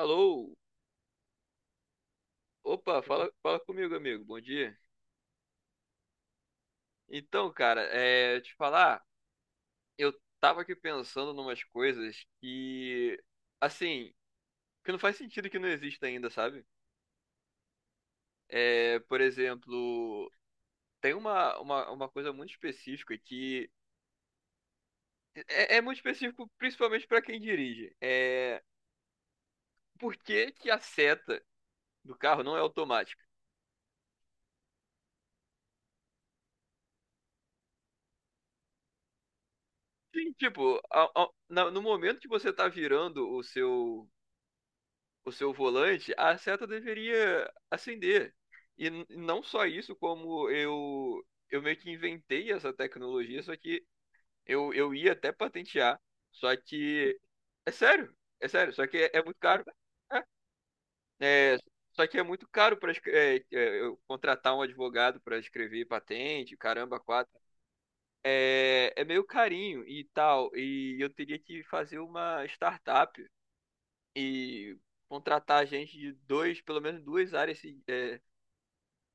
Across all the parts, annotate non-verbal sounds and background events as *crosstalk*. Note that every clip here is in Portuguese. Alô? Opa, fala, fala comigo, amigo. Bom dia. Então, cara, te falar, eu tava aqui pensando numas coisas que, assim, que não faz sentido que não exista ainda, sabe? É, por exemplo, tem uma coisa muito específica que é muito específico principalmente pra quem dirige. É, por que que a seta do carro não é automática? Sim, tipo, no momento que você tá virando o seu volante, a seta deveria acender. E não só isso, como eu meio que inventei essa tecnologia, só que eu ia até patentear, só que é sério, só que é muito caro. É, é, Só que é muito caro para eu contratar um advogado para escrever patente, caramba, quatro. É meio carinho e tal, e eu teria que fazer uma startup e contratar gente de dois, pelo menos duas áreas,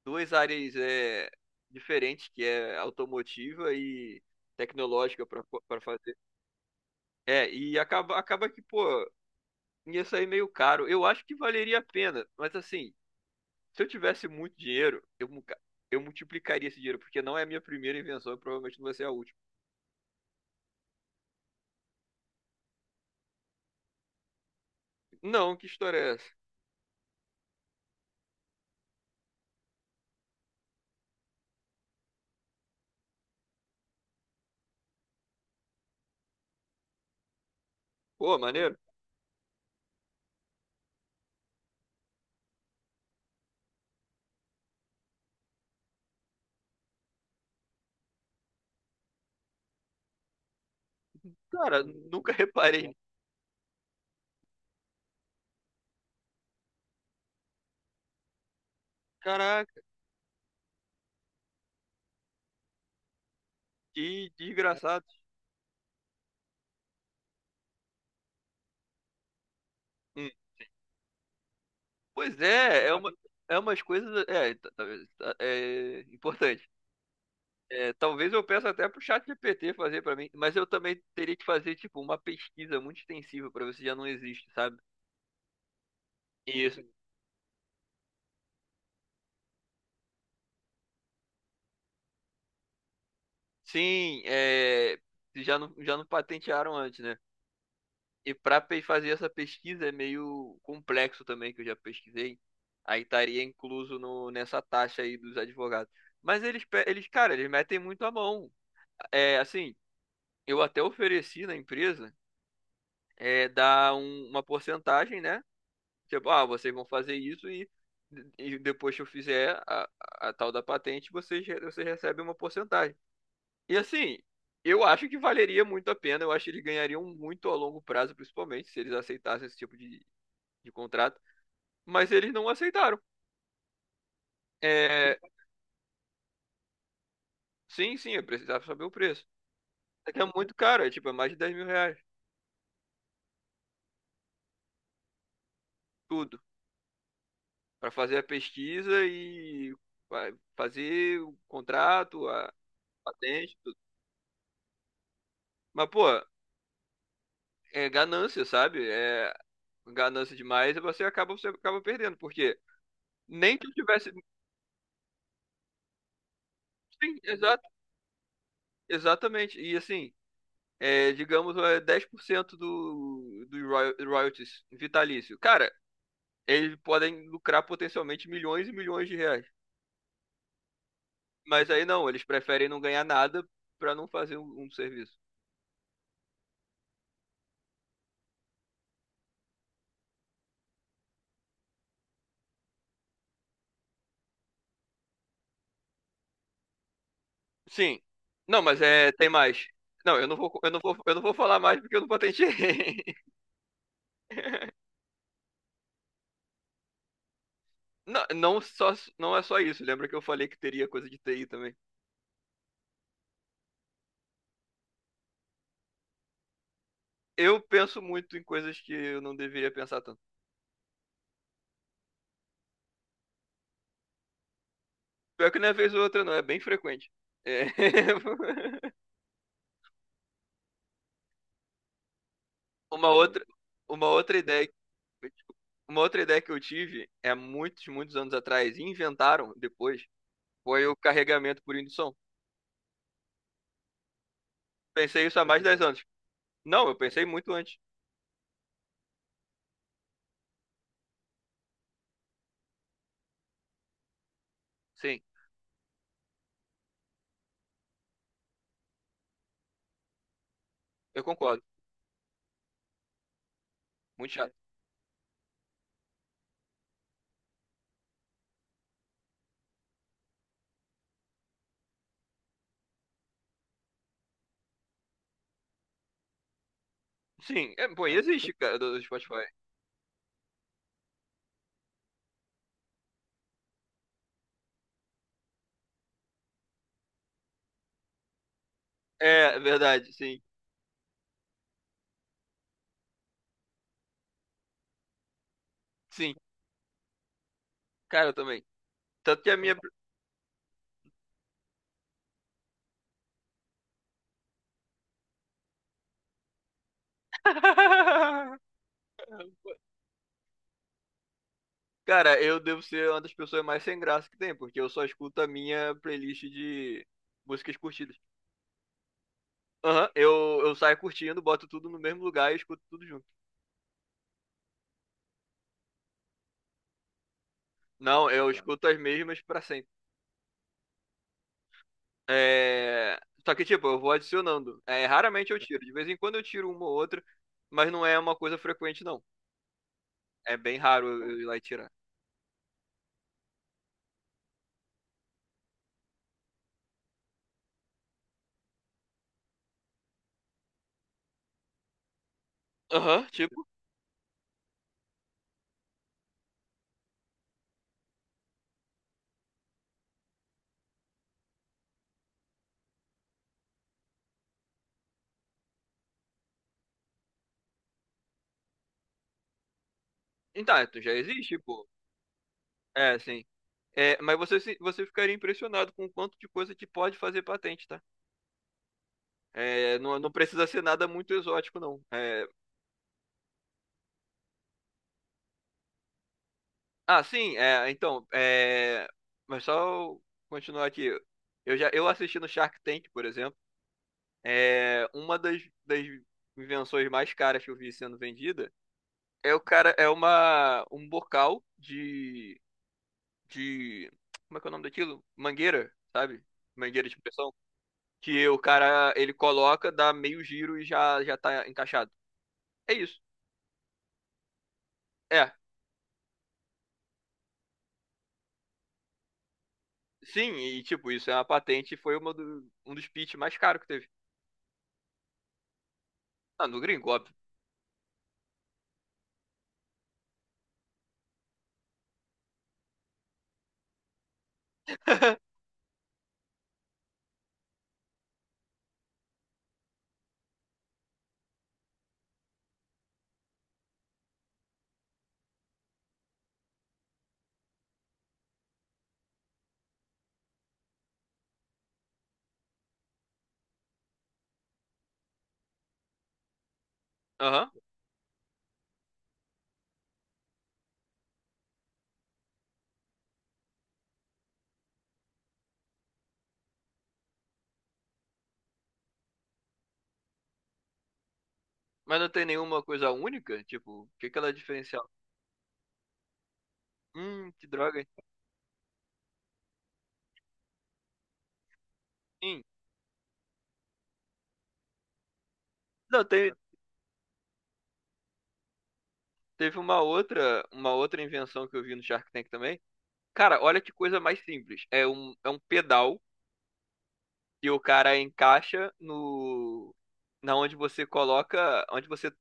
duas áreas diferentes, que é automotiva e tecnológica para fazer. É, e acaba que, pô, ia sair meio caro. Eu acho que valeria a pena, mas assim, se eu tivesse muito dinheiro, eu multiplicaria esse dinheiro, porque não é a minha primeira invenção, e provavelmente não vai ser a última. Não, que história é essa? Pô, maneiro. Cara, nunca reparei. Caraca, que desgraçado. Hum. Pois é, é umas coisas. É, é importante. É, talvez eu peça até pro chat GPT fazer pra mim, mas eu também teria que fazer tipo uma pesquisa muito extensiva pra ver se já não existe, sabe? Isso. Sim, se já não patentearam antes, né? E pra fazer essa pesquisa é meio complexo também, que eu já pesquisei. Aí estaria incluso no, nessa taxa aí dos advogados. Mas eles, eles, cara, eles metem muito a mão. É, assim, eu até ofereci na empresa. É, dá uma porcentagem, né? Tipo, ah, vocês vão fazer isso e depois que eu fizer a tal da patente, vocês recebem uma porcentagem. E assim, eu acho que valeria muito a pena, eu acho que eles ganhariam muito a longo prazo, principalmente, se eles aceitassem esse tipo de contrato. Mas eles não aceitaram. É, sim, sim, eu precisava saber o preço. É que é muito caro, é tipo, é mais de 10 mil reais, tudo. Pra fazer a pesquisa e fazer o contrato, a patente. Mas, pô, é ganância, sabe? É ganância demais e você acaba perdendo. Porque nem que eu tivesse. Sim, exato, exatamente. E assim, digamos, é 10% do royalties vitalício. Cara, eles podem lucrar potencialmente milhões e milhões de reais. Mas aí não, eles preferem não ganhar nada pra não fazer um serviço. Sim. Não, mas é, tem mais. Não, eu não vou, eu não vou, eu não vou falar mais porque eu não patenteei. *laughs* Não, não, só, não é só isso. Lembra que eu falei que teria coisa de TI também? Eu penso muito em coisas que eu não deveria pensar tanto. Pior que não é vez ou outra, não, é bem frequente. É. *laughs* Uma outra, uma outra ideia, que- uma outra ideia que eu tive é muitos, muitos anos atrás, e inventaram depois, foi o carregamento por indução. Pensei isso há mais de 10 anos. Não, eu pensei muito antes. Sim, eu concordo. Muito chato. Sim, é, pô, e existe, cara, do Spotify. É, verdade, sim. Sim, cara, eu também. Tanto que a minha. *laughs* Cara, eu devo ser uma das pessoas mais sem graça que tem, porque eu só escuto a minha playlist de músicas curtidas. Aham, eu saio curtindo, boto tudo no mesmo lugar e escuto tudo junto. Não, eu escuto as mesmas pra sempre. É... Só que, tipo, eu vou adicionando. É, raramente eu tiro. De vez em quando eu tiro uma ou outra, mas não é uma coisa frequente, não. É bem raro eu ir lá e tirar. Aham, tipo. Então, é, tu já existe, pô. É, sim. É, mas você, você ficaria impressionado com o quanto de coisa que pode fazer patente, tá? É, não, não precisa ser nada muito exótico, não. É, ah, sim, é, então, é, mas só continuar aqui. Eu assisti no Shark Tank, por exemplo, uma das invenções mais caras que eu vi sendo vendida é o cara, é uma, um bocal de, como é que é o nome daquilo? Mangueira, sabe? Mangueira de pressão. Que o cara, ele coloca, dá meio giro e já, já tá encaixado. É isso. É. Sim, e tipo, isso é uma patente e foi um dos pitch mais caros que teve. Ah, no gringo, óbvio. *laughs* Aham. Mas não tem nenhuma coisa única? Tipo, o que que ela é diferencial? Que droga, hein? Sim. Não, teve uma outra invenção que eu vi no Shark Tank também. Cara, olha que coisa mais simples. É um pedal que o cara encaixa no, na onde você coloca, onde você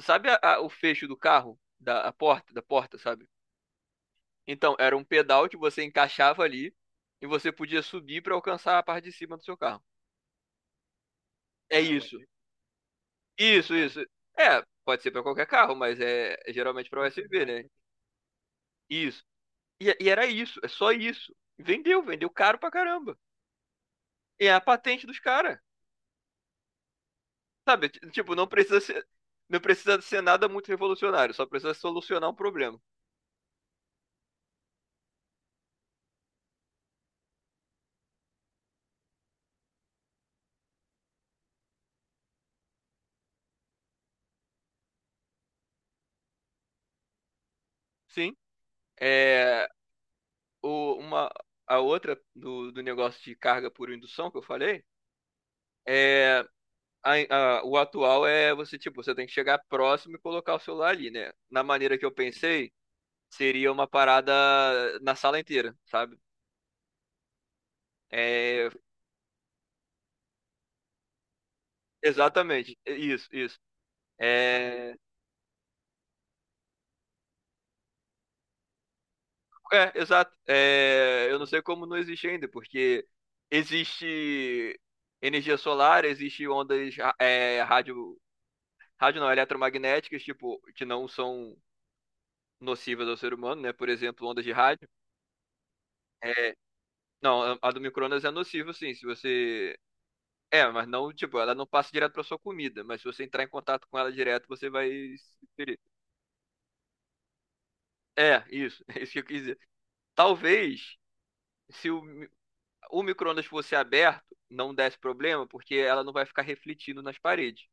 sabe o fecho do carro? Da porta, sabe? Então, era um pedal que você encaixava ali e você podia subir para alcançar a parte de cima do seu carro. É isso. Isso, isso. É, pode ser para qualquer carro, mas é geralmente para USB, né? Isso. E era isso, é só isso. Vendeu, vendeu caro pra caramba. E é a patente dos caras. Sabe? Tipo, não precisa ser, não precisa ser nada muito revolucionário, só precisa solucionar um problema. Sim. É. o, uma, a outra do negócio de carga por indução que eu falei é. O atual é você, tipo, você tem que chegar próximo e colocar o celular ali, né? Na maneira que eu pensei, seria uma parada na sala inteira, sabe? É, exatamente, é isso, isso. É, Exato. É, eu não sei como não existe ainda, porque existe energia solar, existe ondas, é, rádio, rádio não, eletromagnéticas, tipo, que não são nocivas ao ser humano, né? Por exemplo, ondas de rádio. É, não, a do micro-ondas é nociva, sim. Se você. É, mas não, tipo, ela não passa direto pra sua comida, mas se você entrar em contato com ela direto, você vai se ferir. É, isso, *laughs* é isso que eu quis dizer. Talvez, se o micro-ondas fosse aberto, não desse problema, porque ela não vai ficar refletindo nas paredes.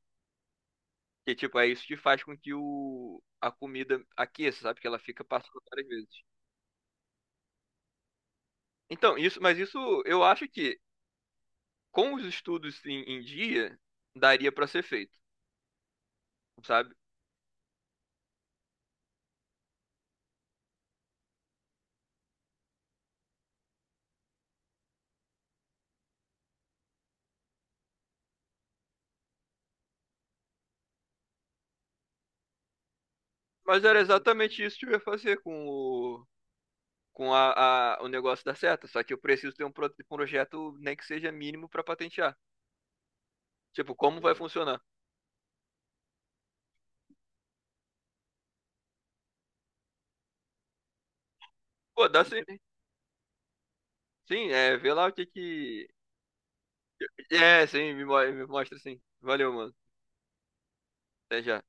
Que, tipo, é isso que faz com que a comida aqueça, sabe? Que ela fica passando várias vezes. Então, isso, mas isso eu acho que com os estudos em dia, daria para ser feito, sabe? Mas era exatamente isso que eu ia fazer com o, com a- o negócio da seta, só que eu preciso ter um projeto, nem que seja mínimo, para patentear. Tipo, como vai funcionar? Pô, dá sim. Sim, é, vê lá o que que. É, sim, me mostra sim. Valeu, mano. Até já.